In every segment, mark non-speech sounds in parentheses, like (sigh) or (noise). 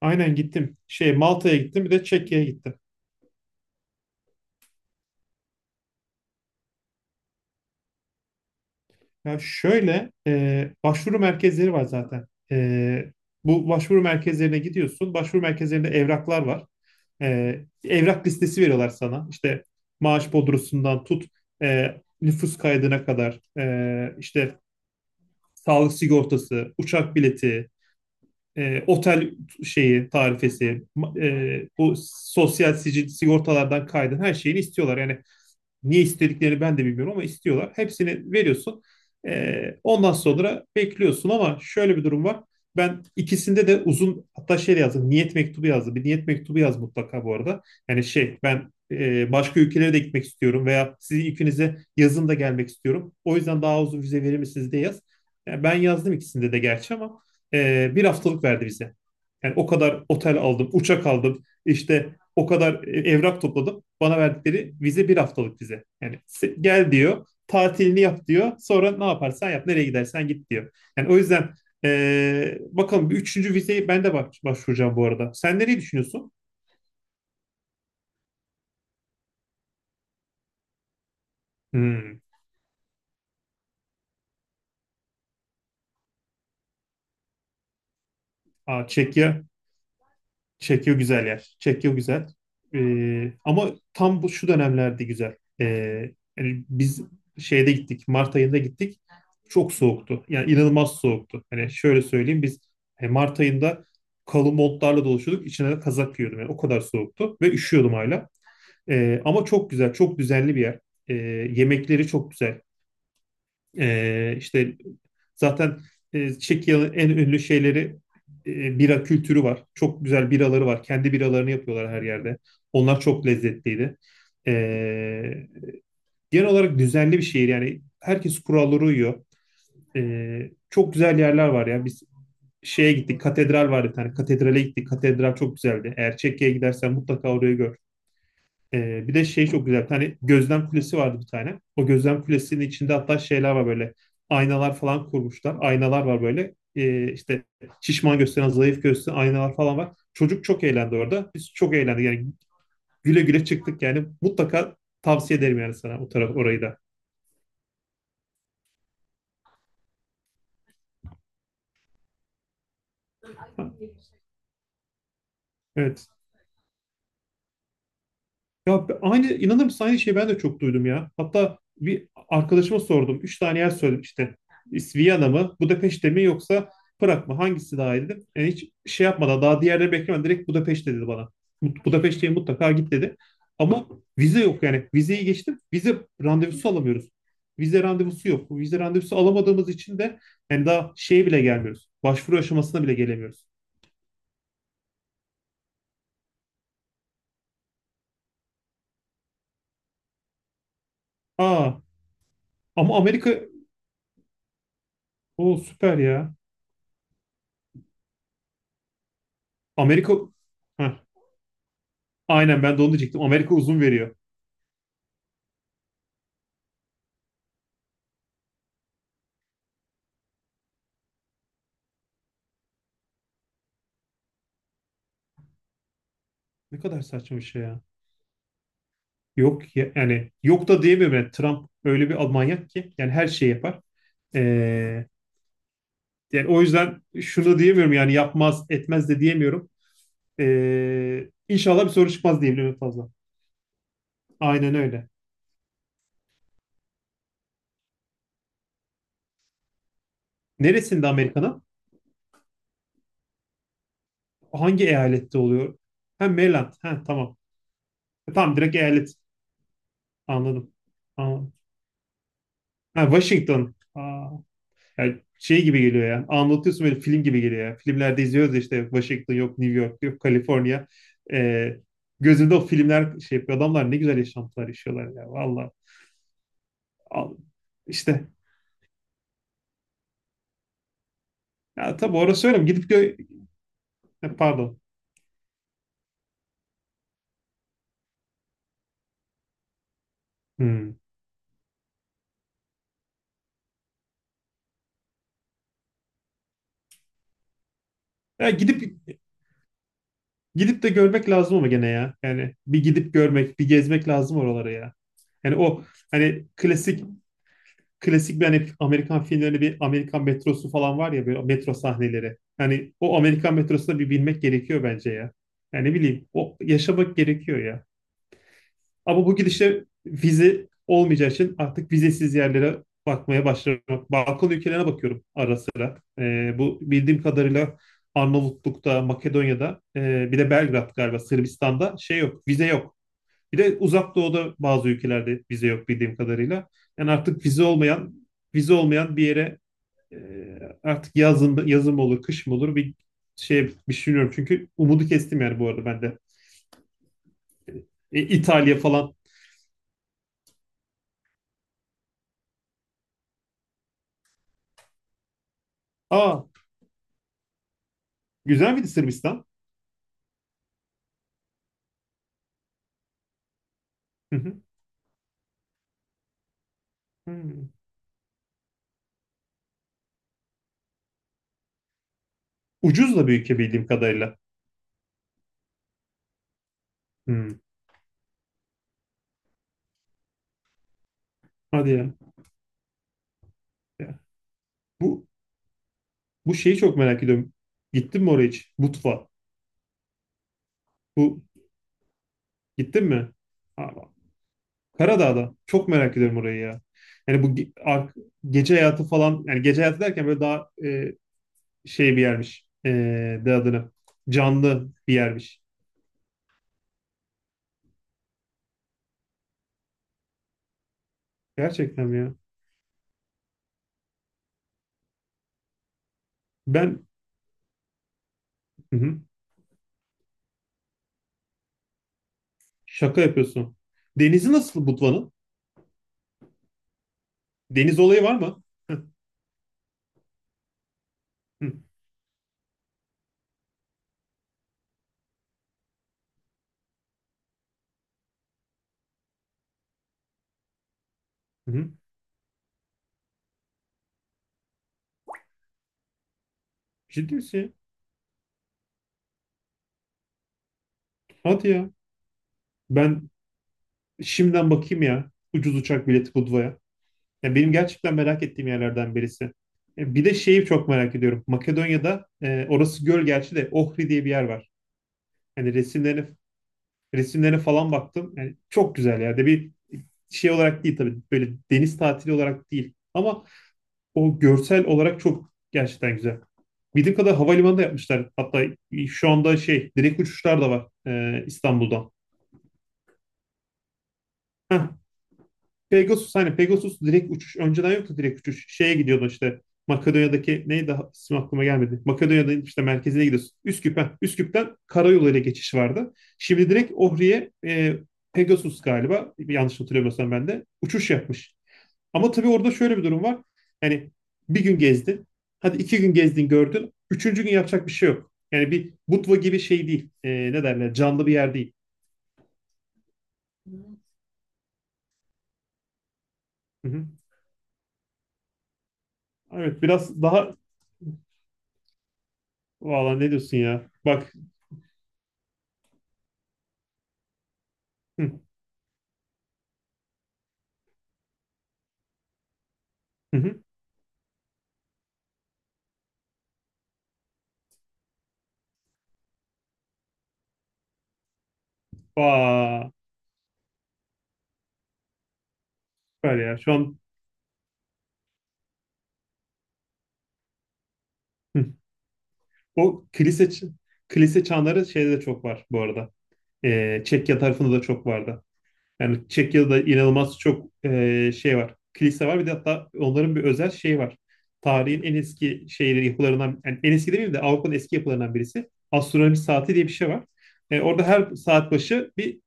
Aynen gittim. Malta'ya gittim bir de Çekya'ya gittim. Ya şöyle başvuru merkezleri var zaten. E, Bu başvuru merkezlerine gidiyorsun. Başvuru merkezlerinde evraklar var. Evrak listesi veriyorlar sana. İşte maaş bordrosundan tut nüfus kaydına kadar, işte sağlık sigortası, uçak bileti, otel tarifesi, bu sosyal sicil sigortalardan kaydın her şeyini istiyorlar. Yani niye istediklerini ben de bilmiyorum ama istiyorlar. Hepsini veriyorsun. Ondan sonra bekliyorsun ama şöyle bir durum var. Ben ikisinde de uzun, hatta yazdım. Niyet mektubu yazdım. Bir niyet mektubu yaz mutlaka bu arada. Yani ben, başka ülkelere de gitmek istiyorum veya sizin ikinize yazın da gelmek istiyorum. O yüzden daha uzun vize verir misiniz diye yaz. Yani ben yazdım ikisinde de gerçi ama bir haftalık verdi bize. Yani o kadar otel aldım, uçak aldım, işte o kadar evrak topladım. Bana verdikleri vize bir haftalık vize. Yani gel diyor, tatilini yap diyor. Sonra ne yaparsan yap, nereye gidersen git diyor. Yani o yüzden, bakalım, bir üçüncü vizeyi ben de başvuracağım bu arada. Sen nereyi düşünüyorsun? Hmm. Aa, Çekya. Çekya güzel yer. Çekya güzel. Ama tam bu şu dönemlerde güzel. Ee, Yani biz gittik. Mart ayında gittik. Çok soğuktu. Yani inanılmaz soğuktu. Hani şöyle söyleyeyim, biz Mart ayında kalın montlarla dolaşıyorduk. İçine de kazak giyiyordum. Yani o kadar soğuktu ve üşüyordum hala. Ama çok güzel, çok düzenli bir yer. Ee, Yemekleri çok güzel. İşte zaten Çekya'nın en ünlü şeyleri, bira kültürü var. Çok güzel biraları var. Kendi biralarını yapıyorlar her yerde. Onlar çok lezzetliydi. E, Genel olarak düzenli bir şehir. Yani herkes kurallara uyuyor. E, çok güzel yerler var ya. Biz gittik. Katedral vardı bir tane. Katedrale gittik. Katedral çok güzeldi. Eğer Çekya'ya gidersen mutlaka orayı gör. Bir de çok güzel. Bir tane gözlem kulesi vardı bir tane. O gözlem kulesinin içinde hatta şeyler var böyle. Aynalar falan kurmuşlar. Aynalar var böyle. İşte şişman gösteren, zayıf gösteren aynalar falan var. Çocuk çok eğlendi orada. Biz çok eğlendik. Yani güle güle çıktık yani. Mutlaka tavsiye ederim yani sana o orayı da. Evet. Ya aynı, inanır mısın, aynı şeyi ben de çok duydum ya. Hatta bir arkadaşıma sordum. Üç tane yer söyledim işte. Viyana mı, Budapeşte mi, yoksa Prag mı? Hangisi daha iyi dedim. Yani hiç şey yapmadan, daha diğerleri beklemeden direkt Budapeşte dedi bana. Budapeşte'ye mutlaka git dedi. Ama vize yok yani. Vizeyi geçtim. Vize randevusu alamıyoruz. Vize randevusu yok. Bu vize randevusu alamadığımız için de yani daha şeye bile gelmiyoruz. Başvuru aşamasına bile gelemiyoruz. Aa, ama Amerika, o süper ya. Amerika. Heh. Aynen, ben de onu diyecektim. Amerika uzun veriyor. Ne kadar saçma bir şey ya. Yok ya, yani yok da diyemiyorum. Yani Trump öyle bir manyak ki yani her şeyi yapar. Ee, Yani o yüzden şunu diyemiyorum yani yapmaz etmez de diyemiyorum. İnşallah bir soru çıkmaz diyebilirim en fazla. Aynen öyle. Neresinde Amerika'nın? Hangi eyalette oluyor? Ha, Maryland. Ha, tamam. E, tamam, direkt eyalet. Anladım. Anladım. Ha, Washington. Aa, yani gibi geliyor ya. Anlatıyorsun, böyle film gibi geliyor ya. Filmlerde izliyoruz ya işte, Washington yok, New York yok, Kaliforniya. E, Gözümde o filmler şey yapıyor. Adamlar ne güzel yaşantılar yaşıyorlar ya. Valla. Al- İşte. Ya tabii, orası öyle mi? Ha, pardon. Hmm. Ya gidip Gidip de görmek lazım ama gene ya. Yani bir gidip görmek, bir gezmek lazım oralara ya. Yani o hani klasik, klasik bir, hani Amerikan filmlerinde bir Amerikan metrosu falan var ya, böyle metro sahneleri. Hani o Amerikan metrosuna bir binmek gerekiyor bence ya. Yani ne bileyim, o yaşamak gerekiyor ya. Ama bu gidişle vize olmayacağı için artık vizesiz yerlere bakmaya başlamak. Balkan ülkelerine bakıyorum ara sıra. Bu bildiğim kadarıyla Arnavutluk'ta, Makedonya'da, bir de Belgrad, galiba Sırbistan'da, şey yok, vize yok. Bir de Uzak Doğu'da bazı ülkelerde vize yok bildiğim kadarıyla. Yani artık vize olmayan, bir yere, e, artık yazın, mı olur, kış mı olur, bir şey bilmiyorum. Çünkü umudu kestim yani bu arada ben de. E, İtalya falan. Aa, güzel miydi Sırbistan? Hı hı. Hmm. Ucuz da bir ülke bildiğim kadarıyla. Hmm. Hadi ya. Ya. Bu Bu şeyi çok merak ediyorum. Gittin mi oraya hiç? Butva. Bu, gittin mi? Aa, Karadağ'da. Çok merak ediyorum orayı ya. Yani bu gece hayatı falan, yani gece hayatı derken böyle daha, şey bir yermiş. E, de adını. Canlı bir yermiş. Gerçekten mi ya? Ben, hı hı. Şaka yapıyorsun. Denizi nasıl Butva'nın? Deniz olayı var mı? Hı hı. Hı hı. Ciddi misin ya? Hadi ya. Ben Şimdiden bakayım ya. Ucuz uçak bileti Budva'ya. Ya benim gerçekten merak ettiğim yerlerden birisi. E, bir de şeyi çok merak ediyorum. Makedonya'da, orası göl gerçi de, Ohri diye bir yer var. Yani resimlerine, falan baktım. Yani çok güzel ya. De bir olarak değil tabii. Böyle deniz tatili olarak değil. Ama o görsel olarak çok gerçekten güzel. Bildiğim kadar havalimanı da yapmışlar. Hatta şu anda direkt uçuşlar da var, İstanbul'dan. Pegasus, hani Pegasus direkt uçuş önceden yoktu, direkt uçuş. Şeye gidiyordu işte, Makedonya'daki neydi, ismi aklıma gelmedi. Makedonya'nın işte merkezine gidiyorsun. Üsküp, ha. Üsküp'ten karayoluyla geçiş vardı. Şimdi direkt Ohri'ye Pegasus galiba, yanlış hatırlamıyorsam ben de, uçuş yapmış. Ama tabii orada şöyle bir durum var. Yani bir gün gezdin. Hadi, iki gün gezdin gördün. Üçüncü gün yapacak bir şey yok. Yani bir Budva gibi şey değil. E, ne derler, canlı bir yer değil. Hı hı. Evet, biraz daha, valla ne diyorsun ya. Bak, hı. Hı hı. Vaa, süper ya. Şu an, hı. O kilise çanları şeyde de çok var bu arada. Çekya tarafında da çok vardı. Yani Çekya'da inanılmaz çok şey var. Kilise var, bir de hatta onların bir özel şeyi var. Tarihin en eski şeyleri, yapılarından, yani en eski demeyeyim de Avrupa'nın eski yapılarından birisi. Astronomi saati diye bir şey var. E, orada her saat başı bir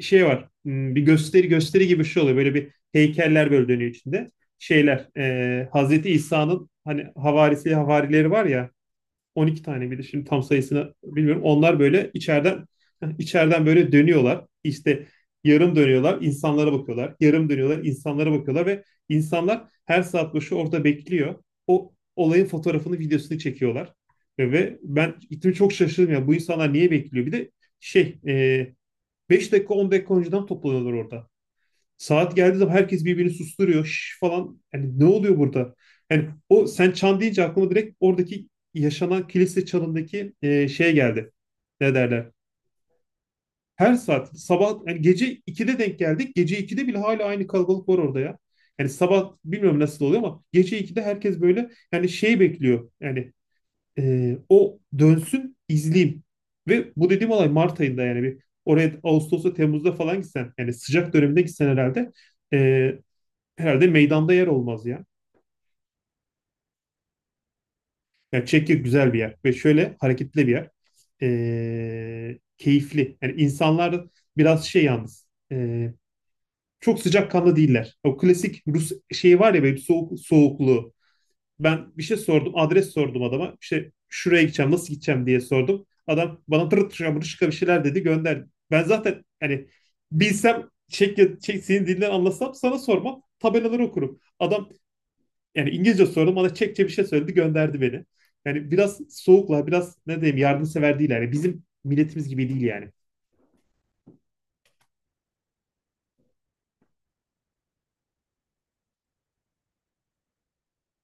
şey var. Bir gösteri, gibi bir şey oluyor. Böyle bir heykeller böyle dönüyor içinde. Şeyler, Hazreti İsa'nın hani havarileri var ya, 12 tane, bir de şimdi tam sayısını bilmiyorum. Onlar böyle içeriden (laughs) içeriden böyle dönüyorlar. İşte yarım dönüyorlar, insanlara bakıyorlar. Yarım dönüyorlar, insanlara bakıyorlar ve insanlar her saat başı orada bekliyor. O olayın fotoğrafını, videosunu çekiyorlar. Ve ben gittim, çok şaşırdım ya. Bu insanlar niye bekliyor? Bir de şey e, 5 dakika, 10 dakika önceden toplanıyorlar orada. Saat geldiği zaman herkes birbirini susturuyor, şş falan. Yani ne oluyor burada? Yani o, sen çan deyince aklıma direkt oradaki yaşanan kilise çanındaki şey geldi. Ne derler? Her saat, sabah yani, gece 2'de denk geldik. Gece 2'de bile hala aynı kalabalık var orada ya. Yani sabah bilmiyorum nasıl oluyor ama gece 2'de herkes böyle yani şey bekliyor. Yani o dönsün izleyeyim. Ve bu dediğim olay Mart ayında, yani bir oraya Ağustos'ta, Temmuz'da falan gitsen, yani sıcak döneminde gitsen herhalde ee, herhalde meydanda yer olmaz ya. Yani Çekya güzel bir yer ve şöyle hareketli bir yer. Keyifli. Yani insanlar biraz şey yalnız. Çok sıcakkanlı değiller. O klasik Rus şeyi var ya, böyle soğuk, soğukluğu. Ben bir şey sordum. Adres sordum adama. İşte şuraya gideceğim, nasıl gideceğim diye sordum. Adam bana tırı tırı tırı bir şeyler dedi, gönderdi. Ben zaten hani bilsem Çek senin dilinden anlasam sana sormam. Tabelaları okurum. Adam yani, İngilizce sordum, bana Çekçe bir şey söyledi, gönderdi beni. Yani biraz soğuklar, biraz ne diyeyim, yardımsever değil yani. Bizim milletimiz gibi değil yani.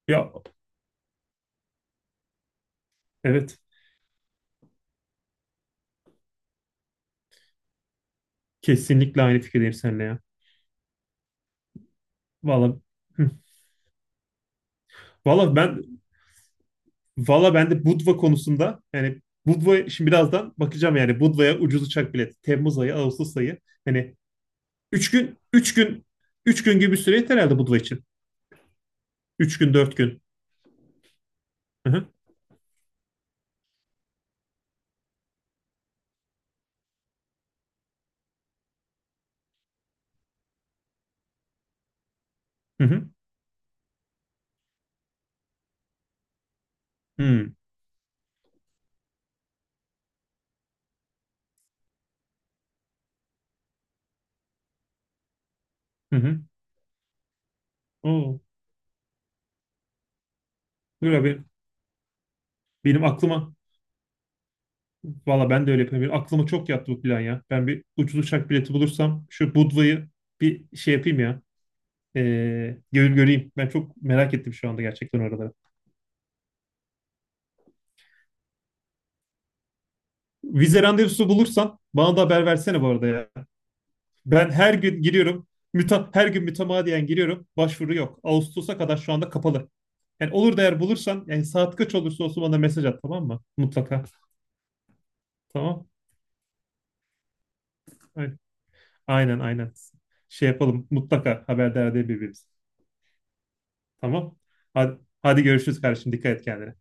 Ya evet, kesinlikle aynı fikirdeyim seninle ya. Vallahi, hı. Vallahi valla ben de Budva konusunda, yani Budva, şimdi birazdan bakacağım yani, Budva'ya ucuz uçak bileti. Temmuz ayı, Ağustos ayı. Hani 3 gün, 3 gün gibi bir süre yeter herhalde Budva için. Üç gün, 4 gün. Hı hı. Hı hı. Hı hı. Hı. Oo. Dur abi. Benim aklıma valla ben de öyle yapıyorum. Benim aklıma çok yattı bu plan ya. Ben bir ucuz uçak bileti bulursam şu Budva'yı bir şey yapayım ya. Gör, göreyim. Ben çok merak ettim şu anda gerçekten oraları. Vize randevusu bulursan bana da haber versene bu arada ya. Ben her gün giriyorum. Her gün mütemadiyen giriyorum. Başvuru yok. Ağustos'a kadar şu anda kapalı. Yani olur da eğer bulursan, yani saat kaç olursa olsun bana mesaj at, tamam mı? Mutlaka. Tamam. Ay- Aynen, aynen. Şey yapalım. Mutlaka haberdar edelim birbirimizi. Tamam. Hadi, hadi görüşürüz kardeşim. Dikkat et kendine.